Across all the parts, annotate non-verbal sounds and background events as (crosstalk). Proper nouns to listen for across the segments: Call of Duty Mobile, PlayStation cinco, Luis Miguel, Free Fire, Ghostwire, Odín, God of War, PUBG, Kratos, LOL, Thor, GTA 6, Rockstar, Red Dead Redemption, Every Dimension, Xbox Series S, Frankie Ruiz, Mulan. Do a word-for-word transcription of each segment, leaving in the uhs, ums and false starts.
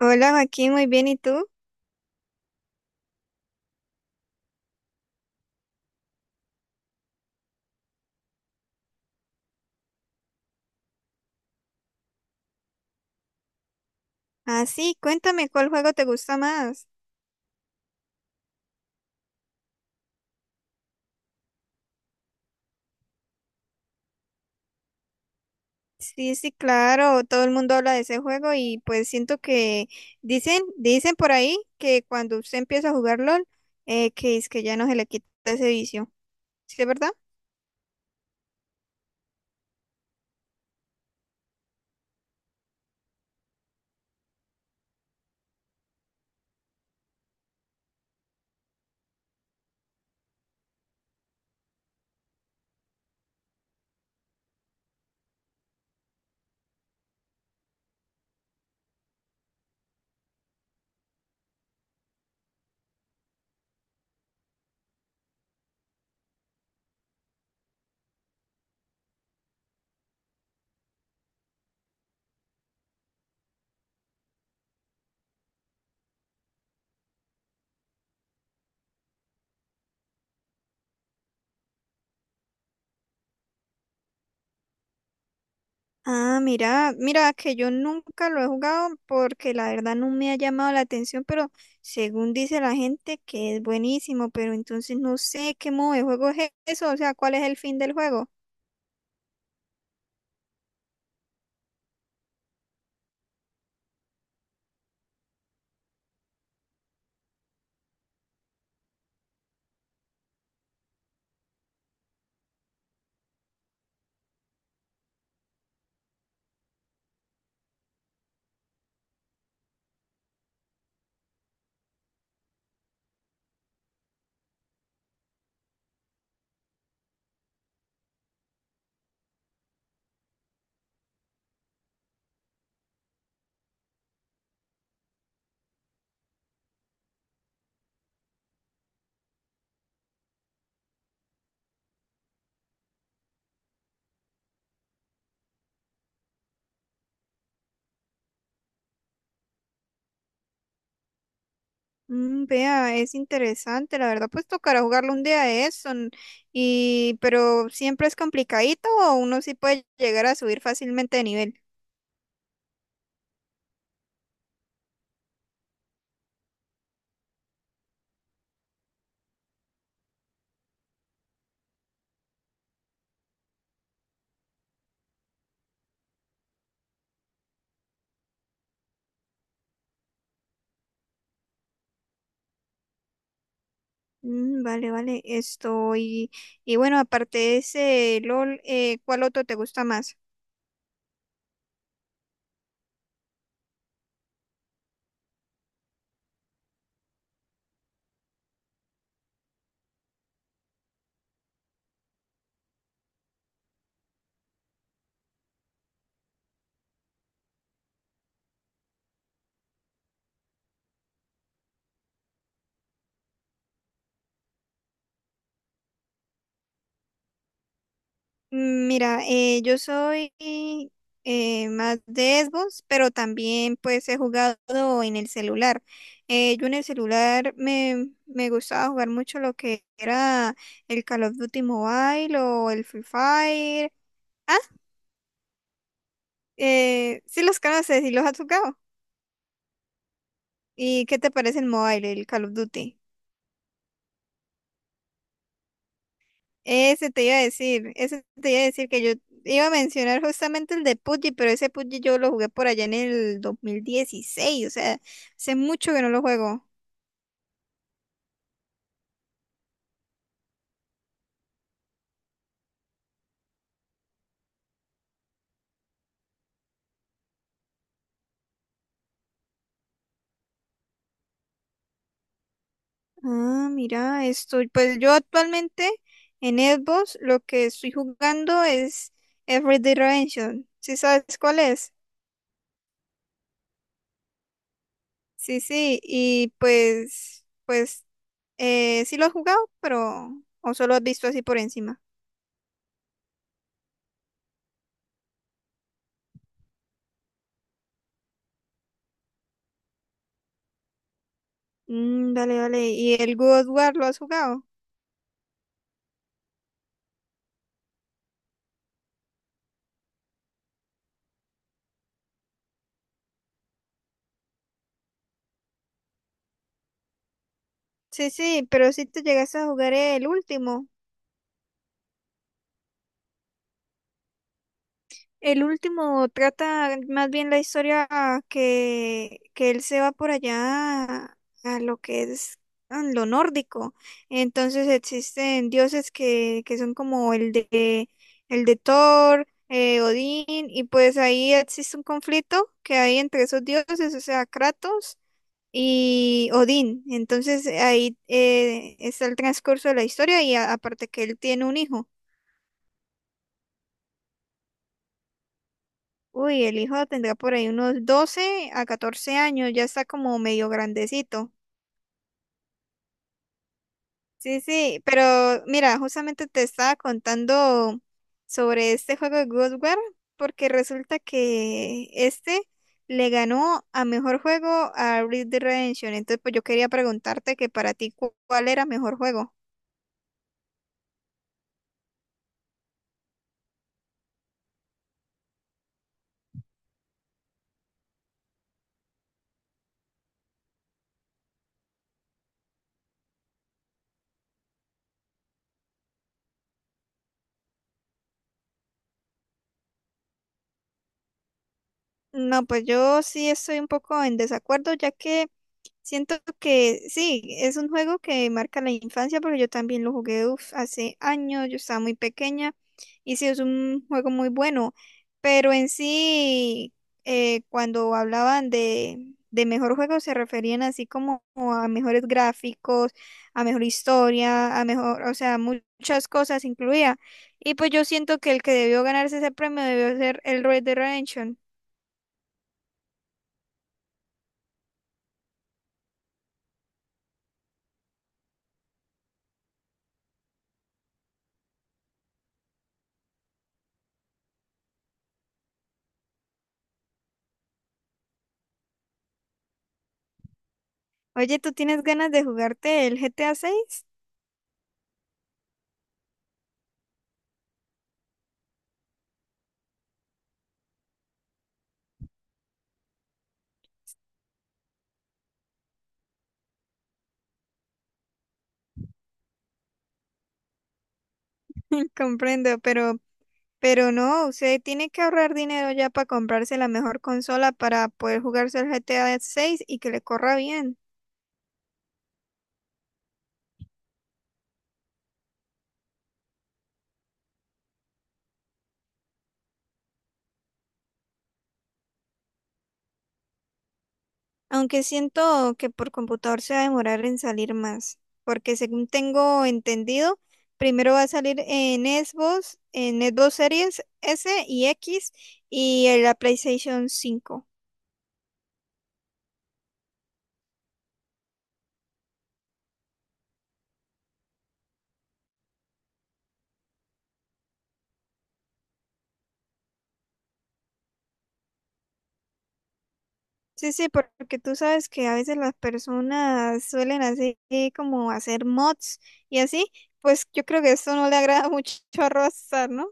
Hola Joaquín, muy bien, ¿y tú? Ah, sí, cuéntame, ¿cuál juego te gusta más? Sí, sí, claro, todo el mundo habla de ese juego y pues siento que dicen, dicen por ahí que cuando usted empieza a jugar LOL, eh, que es que ya no se le quita ese vicio. ¿Sí es verdad? Ah, mira, mira que yo nunca lo he jugado porque la verdad no me ha llamado la atención, pero según dice la gente que es buenísimo, pero entonces no sé qué modo de juego es eso, o sea, ¿cuál es el fin del juego? Mm, Vea, es interesante, la verdad, pues tocará jugarlo un día de eso, n- y pero siempre es complicadito o uno sí puede llegar a subir fácilmente de nivel. Mm, vale, vale, esto, y, y bueno, aparte de ese LOL, eh, ¿cuál otro te gusta más? Mm, Mira, eh, yo soy eh, más de Xbox, pero también pues he jugado en el celular. Eh, yo en el celular me, me gustaba jugar mucho lo que era el Call of Duty Mobile o el Free Fire. Ah, eh, sí los conoces y los has jugado. ¿Y qué te parece el Mobile, el Call of Duty? Ese te iba a decir, ese te iba a decir que yo iba a mencionar justamente el de P U B G, pero ese P U B G yo lo jugué por allá en el dos mil dieciséis, o sea, hace mucho que no lo juego. Ah, mira, esto, pues yo actualmente en Xbox lo que estoy jugando es Every Dimension, ¿sí sabes cuál es? Sí, sí, y pues, pues, eh, sí lo has jugado, pero, o solo has visto así por encima. Mm, dale, dale, ¿y el God of War lo has jugado? Sí, sí, pero si te llegas a jugar el último. El último trata más bien la historia que, que él se va por allá a lo que es a lo nórdico. Entonces existen dioses que, que son como el de el de Thor, eh, Odín, y pues ahí existe un conflicto que hay entre esos dioses, o sea, Kratos y Odín. Entonces ahí eh, está el transcurso de la historia y a- aparte que él tiene un hijo. Uy, el hijo tendrá por ahí unos doce a catorce años, ya está como medio grandecito. Sí, sí, pero mira, justamente te estaba contando sobre este juego de Ghostwire, porque resulta que este le ganó a mejor juego a Red Dead Redemption. Entonces, pues yo quería preguntarte que para ti, cu- ¿cuál era mejor juego? No, pues yo sí estoy un poco en desacuerdo, ya que siento que sí, es un juego que marca la infancia porque yo también lo jugué, uf, hace años, yo estaba muy pequeña y sí, es un juego muy bueno, pero en sí, eh, cuando hablaban de, de mejor juego se referían así como a mejores gráficos, a mejor historia, a mejor, o sea, muchas cosas incluía. Y pues yo siento que el que debió ganarse ese premio debió ser el Red Dead Redemption. Oye, ¿tú tienes ganas de jugarte el G T A seis? (laughs) Comprendo, pero Pero no, usted tiene que ahorrar dinero ya para comprarse la mejor consola para poder jugarse el G T A seis y que le corra bien. Aunque siento que por computador se va a demorar en salir más, porque según tengo entendido, primero va a salir en Xbox, en Xbox Series S y X y en la PlayStation cinco. Sí, sí, porque tú sabes que a veces las personas suelen hacer eh, como hacer mods y así, pues yo creo que eso no le agrada (laughs) mucho a Rockstar, ¿no?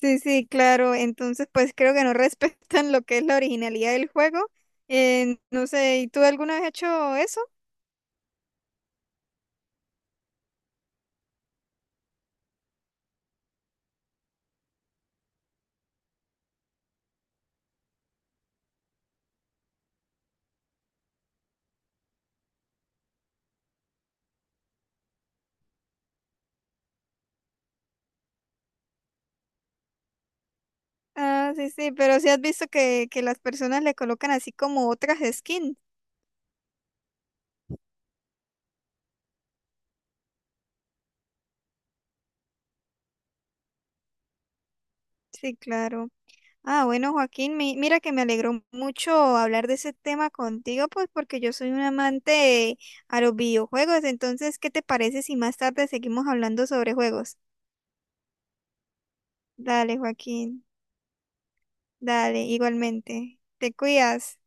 Sí, sí, claro. Entonces, pues creo que no (laughs) respetan lo que es la originalidad del juego. Eh, no sé, ¿y tú alguna vez has hecho eso? Ah, sí, sí, pero sí has visto que, que las personas le colocan así como otras skins. Sí, claro. Ah, bueno, Joaquín, mi- mira que me alegró mucho hablar de ese tema contigo, pues porque yo soy un amante a los videojuegos. Entonces, ¿qué te parece si más tarde seguimos hablando sobre juegos? Dale, Joaquín, dale, igualmente. Te cuidas.